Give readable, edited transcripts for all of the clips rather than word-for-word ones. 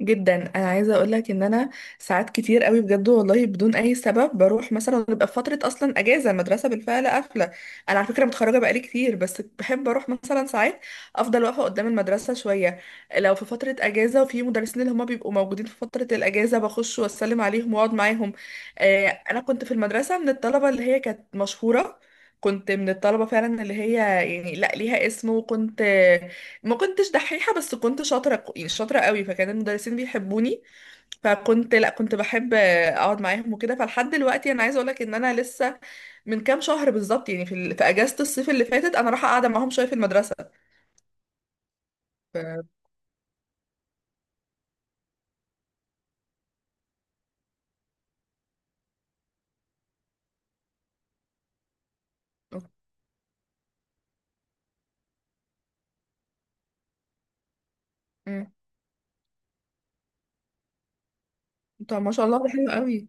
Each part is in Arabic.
جدا، انا عايزه اقول لك ان انا ساعات كتير قوي بجد والله بدون اي سبب بروح مثلا، بيبقى في فتره اصلا اجازه المدرسه بالفعل قافله. انا على فكره متخرجه بقالي كتير، بس بحب اروح مثلا ساعات افضل واقفه قدام المدرسه شويه. لو في فتره اجازه وفي مدرسين اللي هما بيبقوا موجودين في فتره الاجازه، بخش واسلم عليهم واقعد معاهم. انا كنت في المدرسه من الطلبه اللي هي كانت مشهوره. كنت من الطلبة فعلا اللي هي يعني لا ليها اسم. وكنت ما كنتش دحيحة، بس كنت شاطرة يعني شاطرة قوي، فكان المدرسين بيحبوني. لا كنت بحب اقعد معاهم وكده. فلحد دلوقتي انا عايزة اقولك ان انا لسه من كام شهر بالظبط، يعني في اجازة الصيف اللي فاتت انا رايحة قاعدة معاهم شوية في المدرسة. ف... أوك- مم. طب ما شاء الله ده حلو قوي.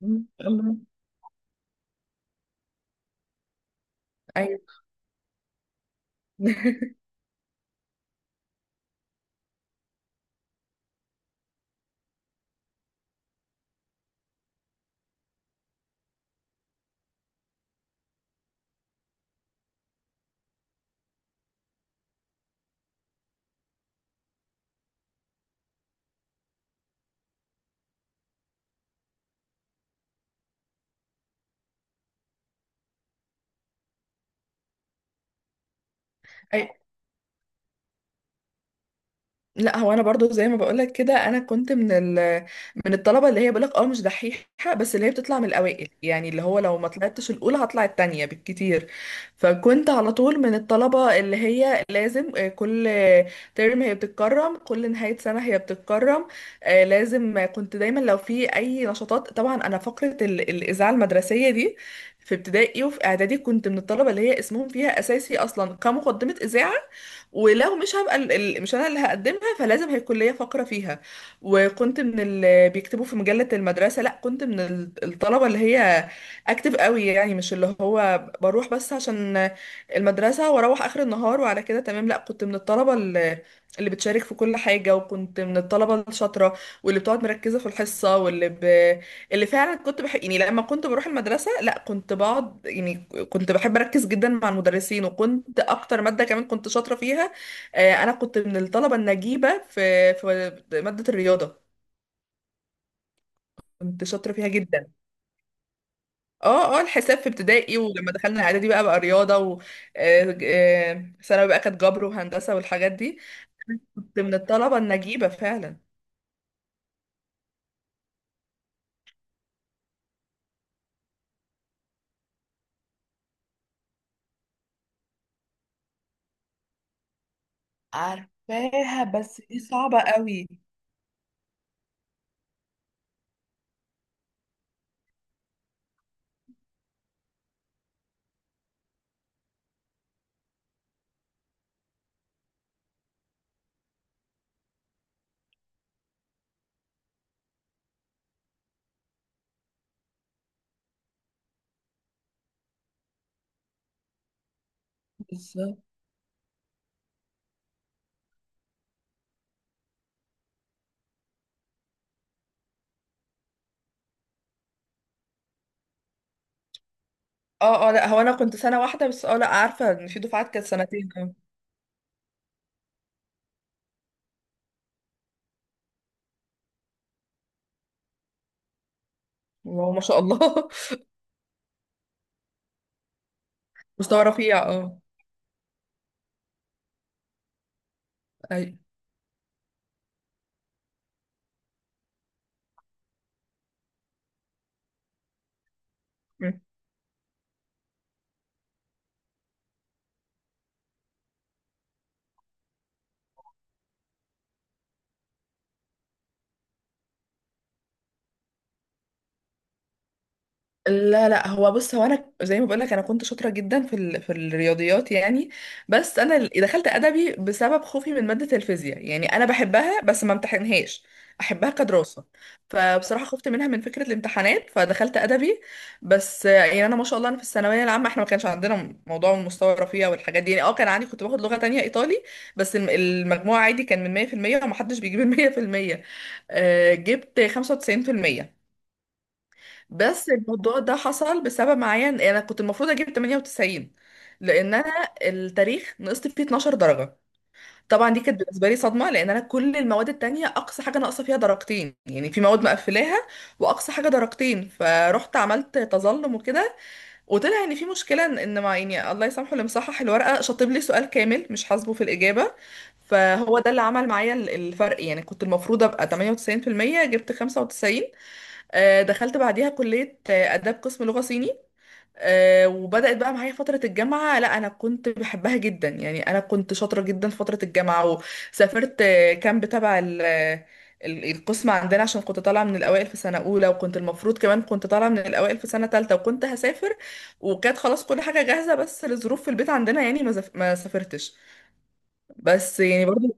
مم. الله. ايوه. أي- لا، هو انا برضو زي ما بقولك كده انا كنت من الطلبه اللي هي بقولك اه مش دحيحه، بس اللي هي بتطلع من الاوائل، يعني اللي هو لو ما طلعتش الاولى هطلع التانية بالكتير. فكنت على طول من الطلبه اللي هي لازم. كل ترم هي بتتكرم، كل نهايه سنه هي بتتكرم. لازم كنت دايما لو في اي نشاطات. طبعا انا فقره الاذاعه المدرسيه دي في ابتدائي وفي اعدادي كنت من الطلبه اللي هي اسمهم فيها اساسي اصلا كمقدمه اذاعه، ولو مش هبقى مش انا اللي هقدمها فلازم هي الكليه فاقره فيها. وكنت من اللي بيكتبوا في مجله المدرسه. لا كنت من الطلبه اللي هي اكتف قوي، يعني مش اللي هو بروح بس عشان المدرسه واروح اخر النهار وعلى كده تمام. لا كنت من الطلبه اللي بتشارك في كل حاجه، وكنت من الطلبه الشاطره واللي بتقعد مركزه في الحصه، واللي اللي فعلا كنت بحب. يعني لما كنت بروح المدرسة لا كنت بقعد، يعني كنت بحب أركز جدا مع المدرسين. وكنت أكتر مادة كمان كنت شاطرة فيها، أنا كنت من الطلبة النجيبة في مادة الرياضة. كنت شاطرة فيها جدا. اه اه الحساب في ابتدائي، ولما دخلنا إعدادي بقى رياضة، و ثانوي بقى كانت جبر وهندسة والحاجات دي. كنت من الطلبة النجيبة فعلا. عارفاها بس دي صعبة قوي. اه اه، لا هو انا كنت سنه واحده بس. اه لا عارفه ان في دفعات كانت سنتين. اه هو ما شاء الله. مستوى رفيع اه. اي لا لا، هو بص هو انا زي ما بقولك انا كنت شاطره جدا في الرياضيات، يعني. بس انا دخلت ادبي بسبب خوفي من ماده الفيزياء، يعني انا بحبها بس ما امتحنهاش، احبها كدراسه. فبصراحه خفت منها من فكره الامتحانات فدخلت ادبي. بس يعني انا ما شاء الله انا في الثانويه العامه احنا ما كانش عندنا موضوع المستوى الرفيع والحاجات دي. يعني اه كان عندي، كنت باخد لغه تانية ايطالي. بس المجموع عادي كان من 100%، ومحدش بيجيب ال 100%. جبت 95%. بس الموضوع ده حصل بسبب معين، انا كنت المفروض اجيب 98، لان انا التاريخ نقصت فيه 12 درجه. طبعا دي كانت بالنسبه لي صدمه، لان انا كل المواد التانية اقصى حاجه ناقصه فيها درجتين، يعني في مواد مقفلاها واقصى حاجه درجتين، فرحت عملت تظلم وكده. وطلع ان في مشكله إن مع، يعني الله يسامحه، اللي مصحح الورقه شاطب لي سؤال كامل مش حاسبه في الاجابه. فهو ده اللي عمل معايا الفرق، يعني كنت المفروض ابقى 98% جبت 95. دخلت بعديها كلية آداب، قسم لغة صيني. وبدأت بقى معايا فترة الجامعة. لا، أنا كنت بحبها جدا، يعني أنا كنت شاطرة جدا في فترة الجامعة. وسافرت كامب تبع القسم عندنا، عشان كنت طالعة من الأوائل في سنة أولى، وكنت المفروض كمان كنت طالعة من الأوائل في سنة تالتة، وكنت هسافر وكانت خلاص كل حاجة جاهزة. بس لظروف في البيت عندنا، يعني ما سافرتش. بس يعني برضو،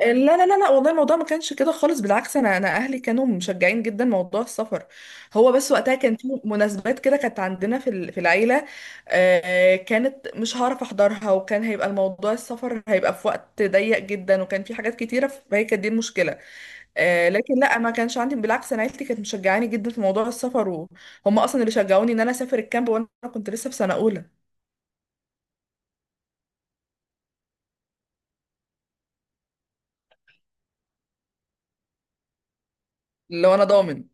لا لا لا لا، والله الموضوع ما كانش كده خالص. بالعكس انا اهلي كانوا مشجعين جدا موضوع السفر. هو بس وقتها كان في مناسبات كده كانت عندنا في العيله، كانت مش هعرف احضرها، وكان هيبقى الموضوع السفر هيبقى في وقت ضيق جدا وكان في حاجات كتيره، فهي كانت دي المشكله. لكن لا ما كانش عندي. بالعكس، انا عيلتي كانت مشجعاني جدا في موضوع السفر، وهم اصلا اللي شجعوني ان انا اسافر الكامب، وانا كنت لسه في سنه اولى. اللي هو انا ضامن.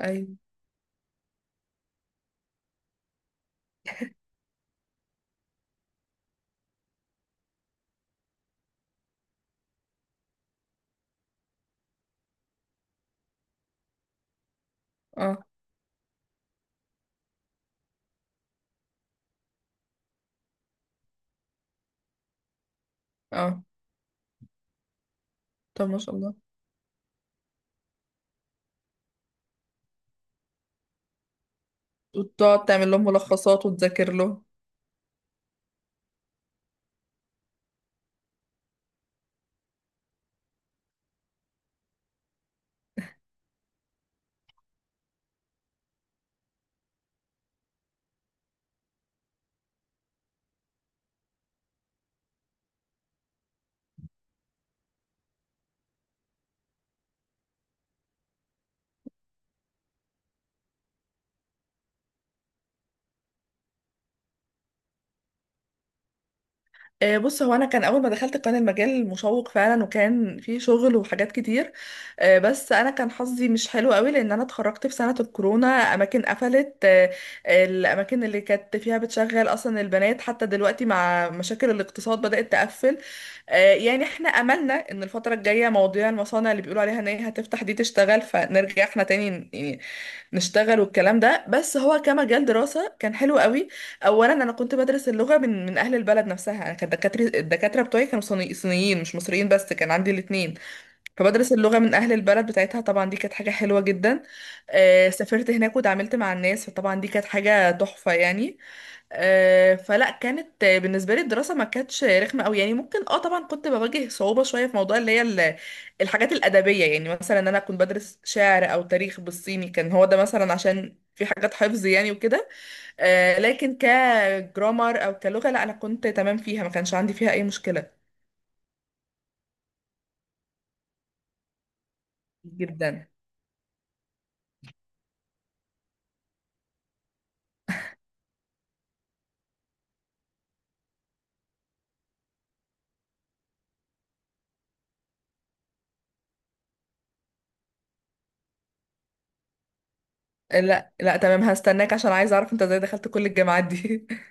ايوه. اه اه طب ما شاء الله. وتقعد تعمل لهم ملخصات وتذاكر له. بص، هو انا كان اول ما دخلت كان المجال مشوق فعلا وكان فيه شغل وحاجات كتير. بس انا كان حظي مش حلو قوي، لان انا اتخرجت في سنة الكورونا. اماكن قفلت، الاماكن اللي كانت فيها بتشغل اصلا البنات حتى دلوقتي مع مشاكل الاقتصاد بدأت تقفل. يعني احنا املنا ان الفترة الجاية مواضيع المصانع اللي بيقولوا عليها ان هي هتفتح دي تشتغل، فنرجع احنا تاني يعني نشتغل والكلام ده. بس هو كمجال دراسة كان حلو قوي. اولا انا كنت بدرس اللغه من اهل البلد نفسها. انا كانت الدكاتره بتوعي كانوا صينيين مش مصريين، بس كان عندي الاثنين. فبدرس اللغه من اهل البلد بتاعتها، طبعا دي كانت حاجه حلوه جدا. آه سافرت هناك وتعاملت مع الناس، فطبعا دي كانت حاجه تحفه يعني. آه فلا كانت، بالنسبه لي الدراسه ما كانتش رخمه قوي، يعني ممكن اه طبعا كنت بواجه صعوبه شويه في موضوع اللي هي الحاجات الادبيه، يعني مثلا انا كنت بدرس شعر او تاريخ بالصيني كان هو ده مثلا عشان في حاجات حفظ يعني وكده. لكن كجرامر او كلغه لا انا كنت تمام فيها، ما كانش عندي فيها اي مشكله. جدا. لا لا تمام، هستناك عشان عايزه اعرف انت ازاي دخلت كل الجامعات دي